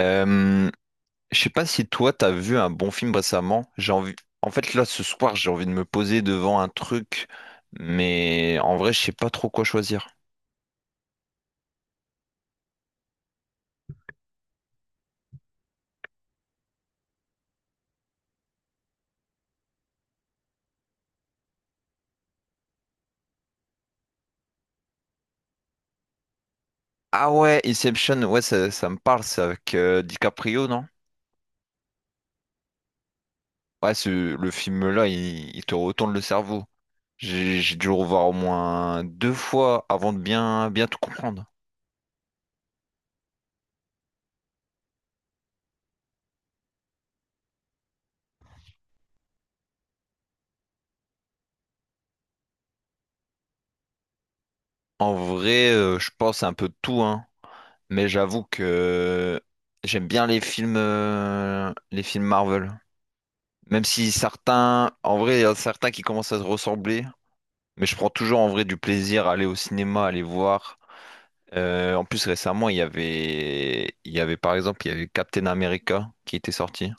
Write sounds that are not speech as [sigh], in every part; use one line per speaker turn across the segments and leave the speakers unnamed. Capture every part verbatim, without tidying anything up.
Euh, je sais pas si toi t'as vu un bon film récemment. J'ai envie. En fait, là, ce soir, j'ai envie de me poser devant un truc, mais en vrai, je sais pas trop quoi choisir. Ah ouais, Inception, ouais, ça, ça me parle, c'est avec euh, DiCaprio, non? Ouais, ce, le film-là, il, il te retourne le cerveau. J'ai j'ai dû le revoir au moins deux fois avant de bien, bien tout comprendre. En vrai, euh, je pense un peu de tout, hein. Mais j'avoue que j'aime bien les films, euh, les films Marvel. Même si certains, en vrai, il y a certains qui commencent à se ressembler, mais je prends toujours en vrai du plaisir à aller au cinéma, à aller voir. Euh, en plus, récemment, il y avait, il y avait par exemple, il y avait Captain America qui était sorti.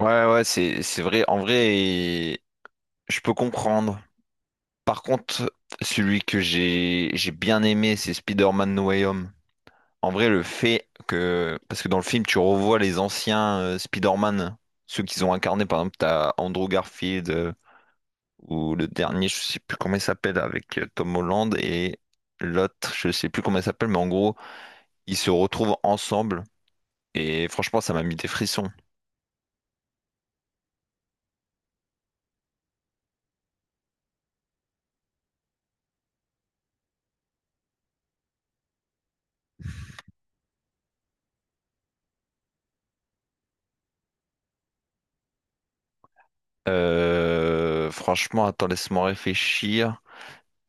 Ouais, ouais, c'est, c'est vrai. En vrai, je peux comprendre. Par contre, celui que j'ai j'ai bien aimé, c'est Spider-Man No Way Home. En vrai, le fait que... Parce que dans le film, tu revois les anciens euh, Spider-Man, ceux qu'ils ont incarnés. Par exemple, t'as Andrew Garfield, euh, ou le dernier, je sais plus comment il s'appelle, avec euh, Tom Holland, et l'autre, je sais plus comment il s'appelle, mais en gros, ils se retrouvent ensemble. Et franchement, ça m'a mis des frissons. Euh, franchement, attends, laisse-moi réfléchir.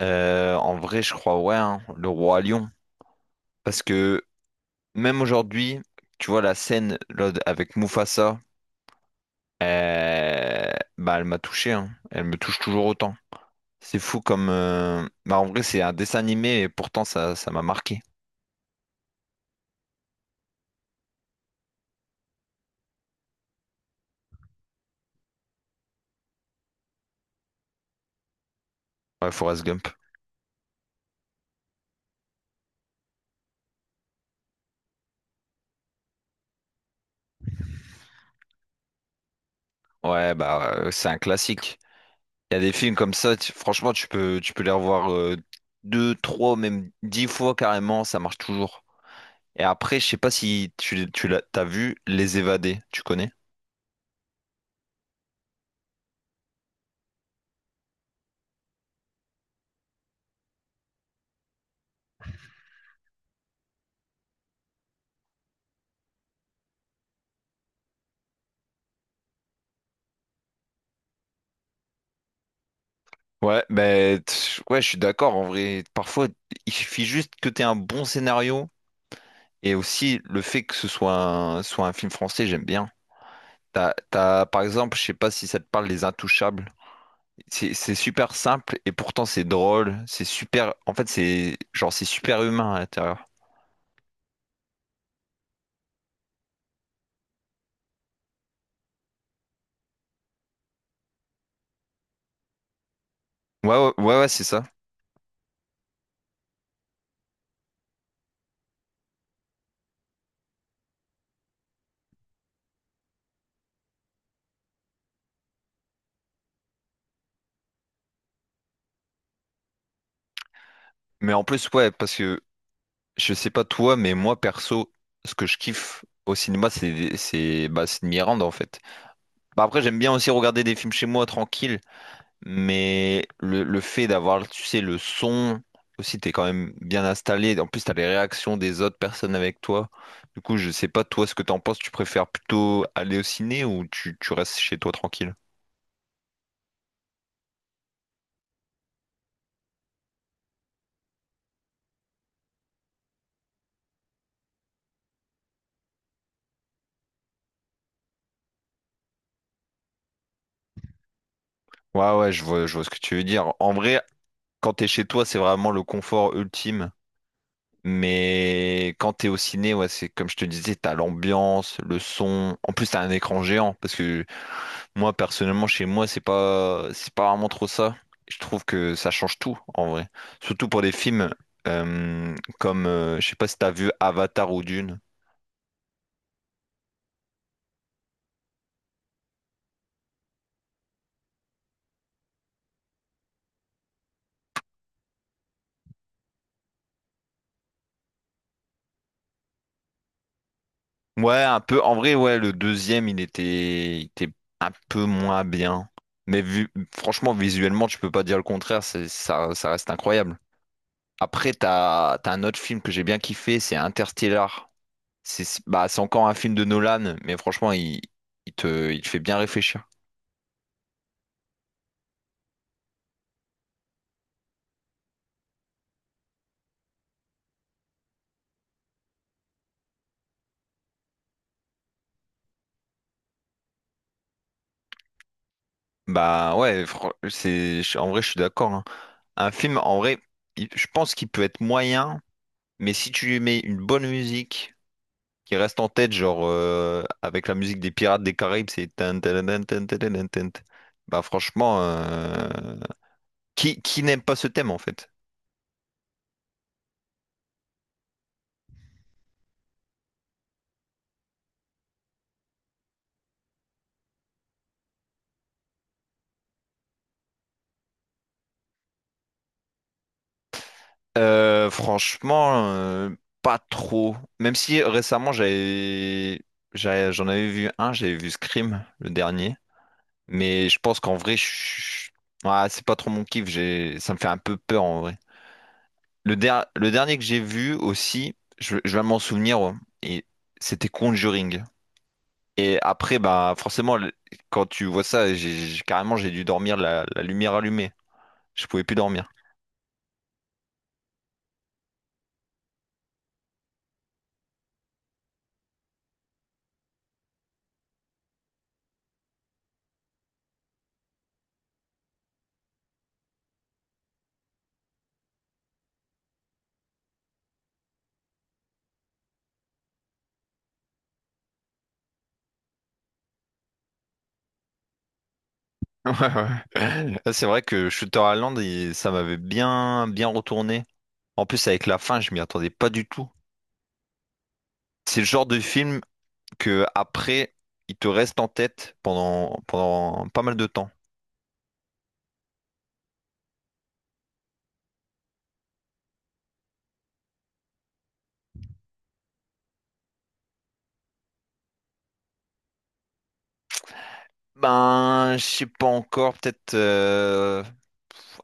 Euh, en vrai, je crois, ouais, hein, le roi lion. Parce que même aujourd'hui, tu vois, la scène là, avec Mufasa, euh, bah, elle m'a touché, hein. Elle me touche toujours autant. C'est fou comme. euh, Bah, en vrai, c'est un dessin animé et pourtant, ça, ça m'a marqué. Ouais, Forrest Gump. Ouais, bah, euh, c'est un classique. Il y a des films comme ça, tu- franchement, tu peux, tu peux les revoir euh, deux, trois, même dix fois carrément, ça marche toujours. Et après, je sais pas si tu, tu l'as, t'as vu Les Évadés, tu connais? Ouais, ben t- ouais, je suis d'accord. En vrai, parfois, il suffit juste que tu aies un bon scénario et aussi le fait que ce soit un, soit un film français, j'aime bien. T'as, t'as, par exemple, je sais pas si ça te parle, Les Intouchables. C'est c'est super simple et pourtant c'est drôle. C'est super. En fait, c'est genre c'est super humain à l'intérieur. Ouais, ouais, ouais, ouais, c'est ça. Mais en plus, ouais, parce que je sais pas toi, mais moi perso, ce que je kiffe au cinéma, c'est c'est bah, c'est de m'y rendre en fait. Bah, après, j'aime bien aussi regarder des films chez moi tranquille. Mais le, le fait d'avoir, tu sais, le son, aussi, t'es quand même bien installé. En plus, t'as les réactions des autres personnes avec toi. Du coup, je sais pas, toi, ce que t'en penses. Tu préfères plutôt aller au ciné ou tu, tu restes chez toi tranquille? Ouais, ouais, je vois, je vois ce que tu veux dire. En vrai, quand t'es chez toi, c'est vraiment le confort ultime. Mais quand t'es au ciné, ouais, c'est comme je te disais, t'as l'ambiance, le son. En plus, t'as un écran géant. Parce que moi, personnellement, chez moi, c'est pas, c'est pas vraiment trop ça. Je trouve que ça change tout, en vrai. Surtout pour des films euh, comme, euh, je sais pas si t'as vu Avatar ou Dune. Ouais, un peu. En vrai, ouais, le deuxième, il était, il était un peu moins bien. Mais vu, franchement, visuellement, tu peux pas dire le contraire. c'est- Ça, ça reste incroyable. Après, t'as, t'as un autre film que j'ai bien kiffé, c'est Interstellar. C'est c'est- bah, c'est encore un film de Nolan, mais franchement, il, il te, il te fait bien réfléchir. Bah ouais, fr- c'est, je- en vrai, je suis d'accord, hein. Un film, en vrai, il- je pense qu'il peut être moyen, mais si tu lui mets une bonne musique qui reste en tête, genre euh, avec la musique des Pirates des Caraïbes, c'est... tan, tan, tan, tan, tan, tan, tan, tan. Bah franchement, Qui, qui n'aime pas ce thème en fait? Euh, franchement, euh, pas trop. Même si récemment j'avais, j'avais- j'en avais vu un, j'avais vu Scream, le dernier. Mais je pense qu'en vrai, je- ouais, c'est pas trop mon kiff. J'ai, ça me fait un peu peur en vrai. Le, der- le dernier que j'ai vu aussi, je, je vais m'en souvenir, ouais. Et c'était Conjuring. Et après, bah forcément, le- quand tu vois ça, j'ai j'ai- carrément j'ai dû dormir la la lumière allumée. Je pouvais plus dormir. Ouais, ouais. [laughs] Ah, c'est vrai que Shutter Island, il- ça m'avait bien, bien retourné. En plus, avec la fin, je m'y attendais pas du tout. C'est le genre de film que après, il te reste en tête pendant, pendant pas mal de temps. Ben, je sais pas encore, peut-être euh,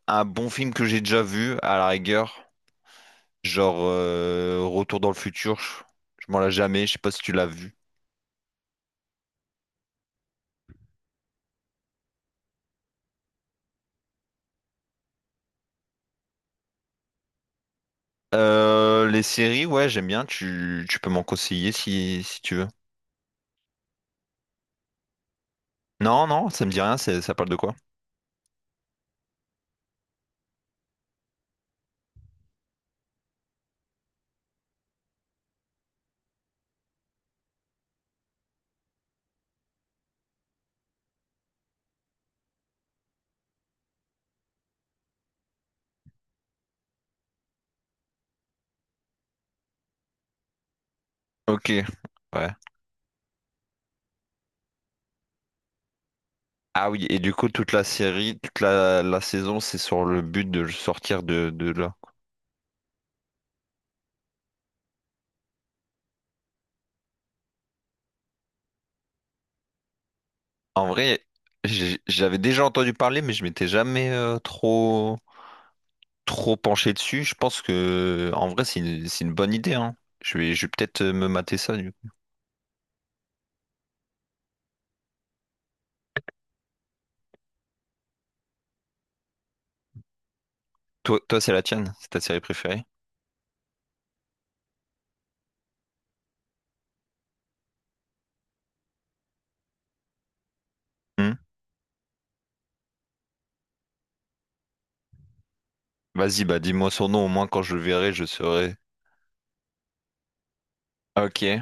un bon film que j'ai déjà vu, à la rigueur. Genre euh, Retour dans le futur, je je m'en l'ai jamais, je sais pas si tu l'as vu. Euh, les séries, ouais, j'aime bien, tu, tu peux m'en conseiller si, si tu veux. Non, non, ça me dit rien, c'est- ça parle de quoi? Ok, ouais. Ah oui, et du coup, toute la série, toute la, la saison, c'est sur le but de le sortir de, de là. En vrai, j'ai- j'avais déjà entendu parler, mais je m'étais jamais euh, trop, trop penché dessus. Je pense que, en vrai, c'est une, c'est une bonne idée, hein. Je vais, je vais peut-être euh, me mater ça. Toi, toi, c'est la tienne, c'est ta série préférée? Hmm. Vas-y, bah dis-moi son nom, au moins quand je le verrai, je saurai. Ok.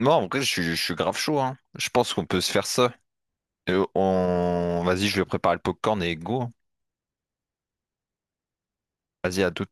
Bon, en vrai, je suis, je suis grave chaud, hein. Je pense qu'on peut se faire ça. Et on... Vas-y, je vais préparer le popcorn et go, hein. Vas-y, à tout.